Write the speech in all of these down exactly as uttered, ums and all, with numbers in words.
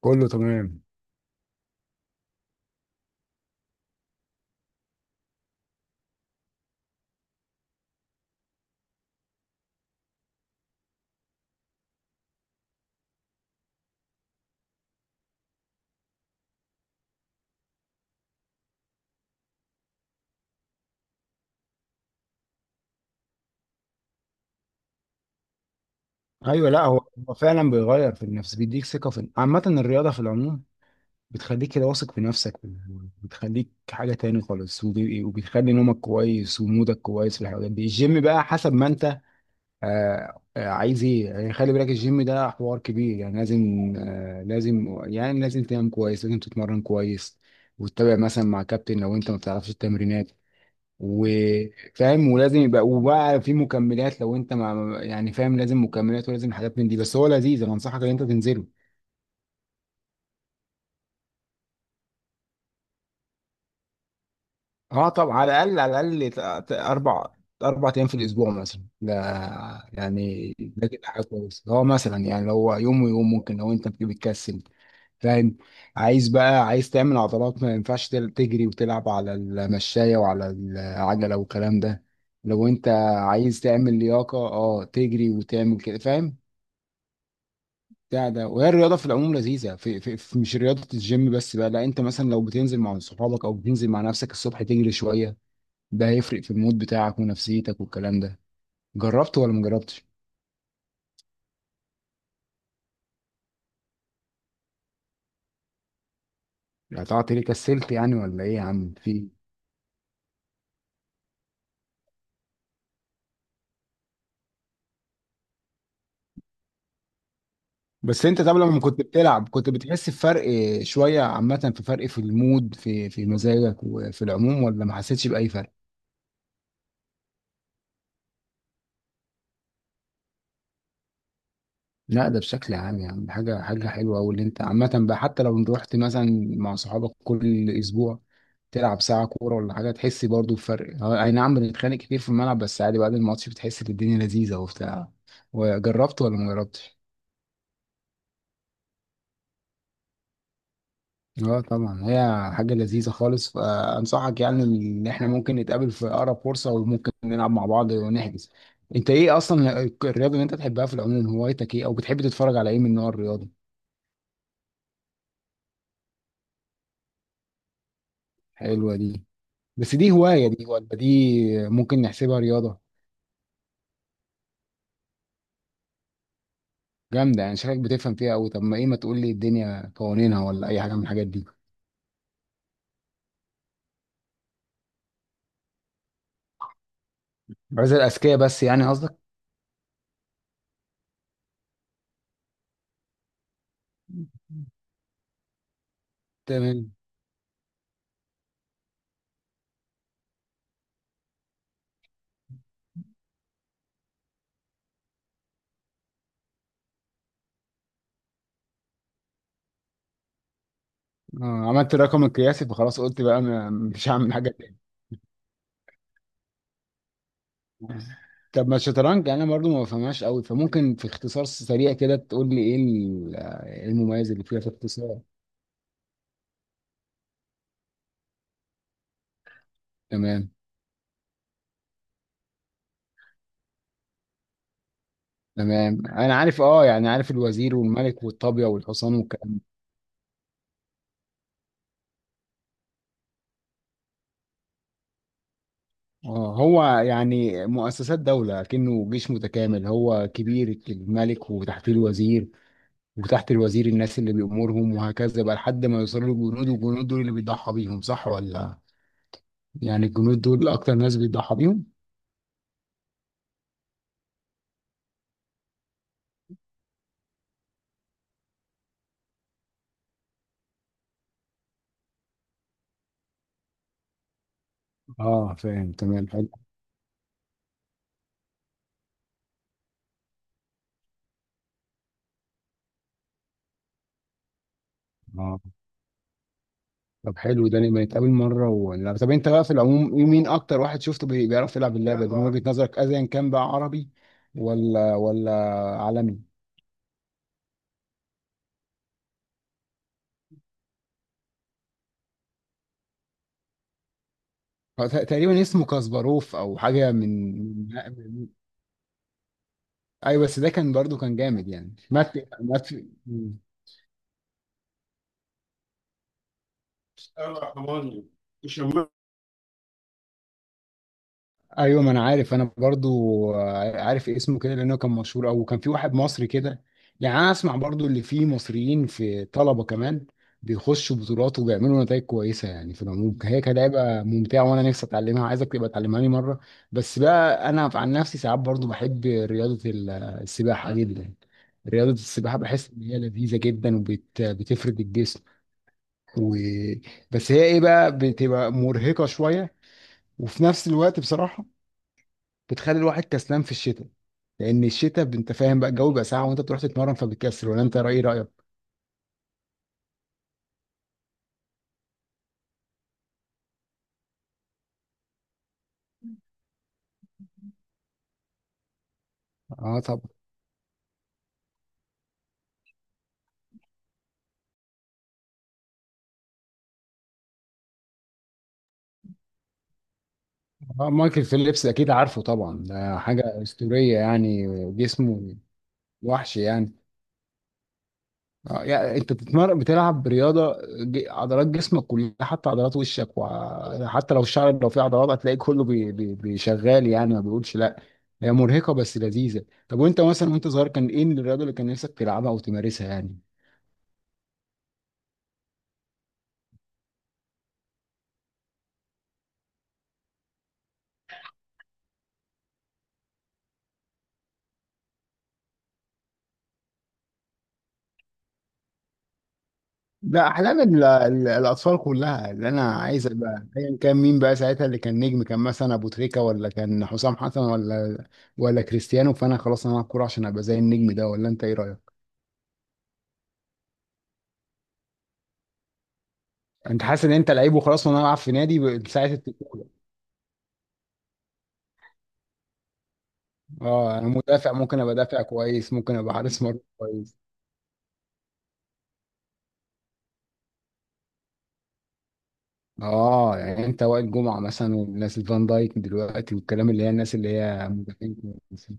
كله تمام. ايوه لا هو هو فعلا بيغير في النفس، بيديك ثقه في عامه، الرياضه في العموم بتخليك كده واثق في نفسك، بتخليك حاجه تاني خالص. وبي- وبتخلي نومك كويس ومودك كويس في الحاجات دي. الجيم بقى حسب ما انت آه، آه، عايز ايه يعني. خلي بالك الجيم ده حوار كبير، يعني لازم آه، لازم يعني لازم تنام كويس، لازم تتمرن كويس، وتتابع مثلا مع كابتن لو انت ما بتعرفش التمرينات وفاهم، ولازم يبقى وبقى في مكملات لو انت مع يعني فاهم، لازم مكملات ولازم حاجات من دي. بس هو لذيذ، انا انصحك ان انت تنزله. اه طبعا، على الاقل على الاقل ت- ت- اربع، اربع ايام في الاسبوع مثلا. ده يعني ده كده حاجه كويسه. هو مثلا يعني لو هو يوم ويوم ممكن لو انت بتكسل. فاهم، عايز بقى عايز تعمل عضلات ما ينفعش تل- تجري وتلعب على المشايه وعلى العجله والكلام ده. لو انت عايز تعمل لياقه، اه تجري وتعمل كده، فاهم. ده ده وهي الرياضه في العموم لذيذه، في, في, في مش رياضه الجيم بس بقى. لا، انت مثلا لو بتنزل مع صحابك او بتنزل مع نفسك الصبح تجري شويه، ده هيفرق في المود بتاعك ونفسيتك والكلام ده. جربت ولا ما جربتش؟ قطعت ليه؟ كسلت يعني ولا ايه يا عم؟ في بس انت، طب لما كنت بتلعب كنت بتحس بفرق شويه عامه؟ في فرق في المود، في في مزاجك وفي العموم، ولا ما حسيتش باي فرق؟ لا ده بشكل عام يا عم. حاجة حاجة حلوة أوي اللي أنت عامة بقى. حتى لو رحت مثلا مع صحابك كل أسبوع تلعب ساعة كورة ولا حاجة، تحس برضو بفرق. هو أي نعم بنتخانق كتير في الملعب، بس عادي، بعد الماتش بتحس إن الدنيا لذيذة وبتاع. وجربت ولا ما جربتش؟ اه طبعا، هي حاجة لذيذة خالص. فأنصحك يعني إن إحنا ممكن نتقابل في أقرب فرصة وممكن نلعب مع بعض ونحجز. أنت إيه أصلا الرياضة اللي أنت بتحبها في العموم؟ هوايتك إيه، أو بتحب تتفرج على إيه من نوع الرياضة؟ حلوة دي، بس دي هواية دي ولا دي ممكن نحسبها رياضة؟ جامدة يعني، شكلك بتفهم فيها أوي. طب ما إيه، ما تقول لي الدنيا قوانينها ولا أي حاجة من الحاجات دي. عايز الأذكياء بس يعني قصدك؟ تمام. آه، عملت الرقم القياسي فخلاص قلت بقى ما- مش هعمل حاجة تاني. طب ما الشطرنج يعني أنا برضو ما بفهمهاش أوي، فممكن في اختصار سريع كده تقول لي إيه ال- إيه المميز اللي فيها في اختصار؟ تمام، تمام أنا عارف. أه يعني عارف الوزير والملك والطابية والحصان. اه، هو يعني مؤسسات دولة كأنه جيش متكامل. هو كبير الملك، وتحت الوزير، وتحت الوزير الناس اللي بيأمرهم، وهكذا بقى لحد ما يوصلوا للجنود. والجنود دول اللي بيضحى بيهم، صح ولا؟ يعني الجنود دول أكتر ناس بيضحى بيهم. اه فاهم تمام، حلو. اه، طب حلو ده لما نتقابل مرة. ولا طب انت بقى في العموم إيه- مين أكتر واحد شفته بي- بيعرف يلعب اللعبة دي من وجهة نظرك، أيا كان بقى، عربي ولا ولا عالمي؟ ت- تقريبا اسمه كاسباروف او حاجه من. ايوه، بس ده كان برضو كان جامد يعني. مات؟ مات. مم. الرحمن. شمال. ايوه، ما انا عارف، انا برضو عارف اسمه كده لانه كان مشهور. او كان في واحد مصري كده. يعني انا اسمع برضو اللي فيه مصريين في طلبه كمان، بيخشوا بطولات وبيعملوا نتائج كويسه يعني. في العموم هي كلعبه ممتعه، وانا نفسي اتعلمها، عايزك تبقى تعلمها لي مره. بس بقى انا عن نفسي ساعات برضو بحب رياضه ال- السباحه جدا. رياضه السباحه بحس ان هي لذيذه جدا وبتفرد الجسم و... بس هي ايه بقى، بتبقى مرهقة شوية، وفي نفس الوقت بصراحة بتخلي الواحد كسلان في الشتاء. لان الشتاء ب- انت فاهم بقى الجو بيبقى ساقع وانت بتروح تتمرن فبتكسل، ولا انت رأي رأيك؟ اه طبعا. اه مايكل فيليبس اكيد عارفه طبعا، ده حاجة أسطورية يعني. جسمه وحش يعني. اه يعني انت بتتمرن بتلعب رياضه، ج- عضلات جسمك كلها، حتى عضلات وشك، وحتى لو الشعر لو فيه عضلات هتلاقي كله بي بي بيشغال يعني، ما بيقولش لا. هي مرهقه بس لذيذه. طب وانت مثلا وانت صغير كان ايه الرياضه اللي كان نفسك تلعبها او تمارسها يعني؟ ده احلام ال- ال- الاطفال كلها. اللي انا عايز ابقى ايا كان، مين بقى ساعتها اللي كان نجم، كان مثلا ابو تريكه ولا كان حسام حسن ولا ولا كريستيانو، فانا خلاص انا هلعب كوره عشان ابقى زي النجم ده. ولا انت ايه رايك؟ انت حاسس ان انت لعيب وخلاص وانا العب في نادي ب- ساعه الطفوله؟ اه انا مدافع، ممكن ابقى دافع كويس، ممكن ابقى حارس مرمى كويس. اه يعني انت وائل جمعه مثلا، والناس الفان دايك دلوقتي والكلام، اللي هي الناس اللي هي مدافعين كويسين.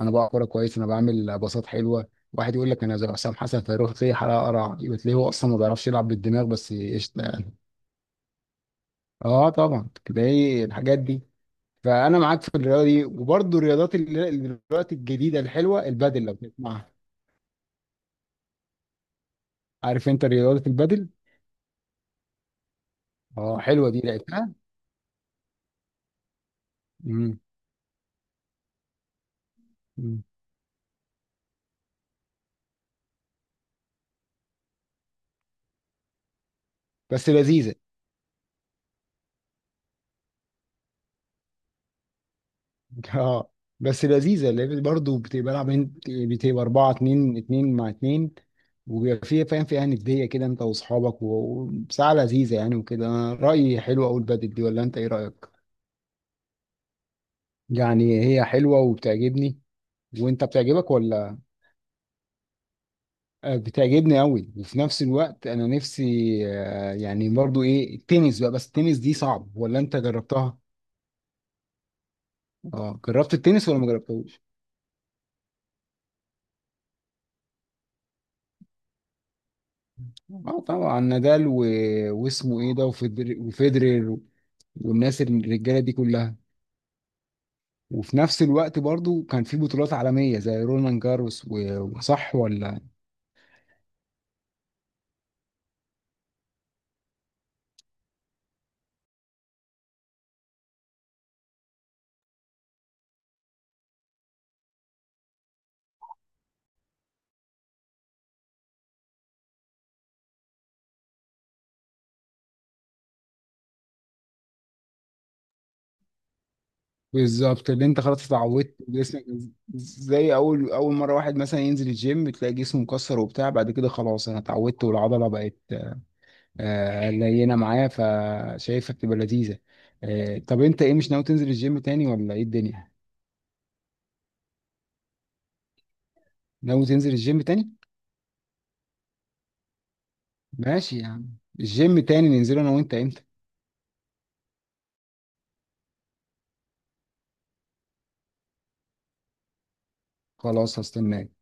انا بقى كوره كويس، انا بعمل باصات حلوه. واحد يقول لك انا زي حسام حسن، فيروح زي حلقه قرع وتلاقيه هو اصلا ما بيعرفش يلعب بالدماغ، بس قشطه يعني. اه طبعا تلاقي الحاجات دي. فانا معاك في الرياضه دي. وبرضه الرياضات اللي اللي دلوقتي الجديده الحلوه، البادل، لو تسمعها. عارف انت رياضه البادل؟ اه حلوه دي، لعبتها. مم. بس لذيذه. اه، بس لذيذه، لان برضه بتبقى بلعب من- بتبقى أربعة اتنين اتنين مع اتنين، وبيبقى فيها فاهم، فيها نديه كده انت واصحابك. و- وساعه لذيذه يعني وكده. أنا رايي حلوه قوي البدل دي، ولا انت ايه رايك؟ يعني هي حلوه وبتعجبني، وانت بتعجبك ولا؟ آه، بتعجبني قوي، وفي نفس الوقت انا نفسي آه، يعني برضو ايه، التنس بقى. بس التنس دي صعب ولا انت جربتها؟ اه جربت التنس ولا ما جربتهوش؟ اه طبعا، نادال و... واسمه ايه ده، وفيدر... وفيدرير، والناس الرجاله دي كلها. وفي نفس الوقت برضو كان في بطولات عالميه زي رولان جاروس و... وصح ولا؟ بالظبط، اللي انت خلاص اتعودت جسمك. زي اول، اول مره واحد مثلا ينزل الجيم تلاقي جسمه مكسر وبتاع، بعد كده خلاص انا اتعودت والعضله بقت آه، لينه معايا، فشايفها بتبقى لذيذه. آه، طب انت ايه، مش ناوي تنزل الجيم تاني ولا ايه الدنيا؟ ناوي تنزل الجيم تاني؟ ماشي يا عم، الجيم تاني ننزله انا وانت امتى؟ خلاص هستناك.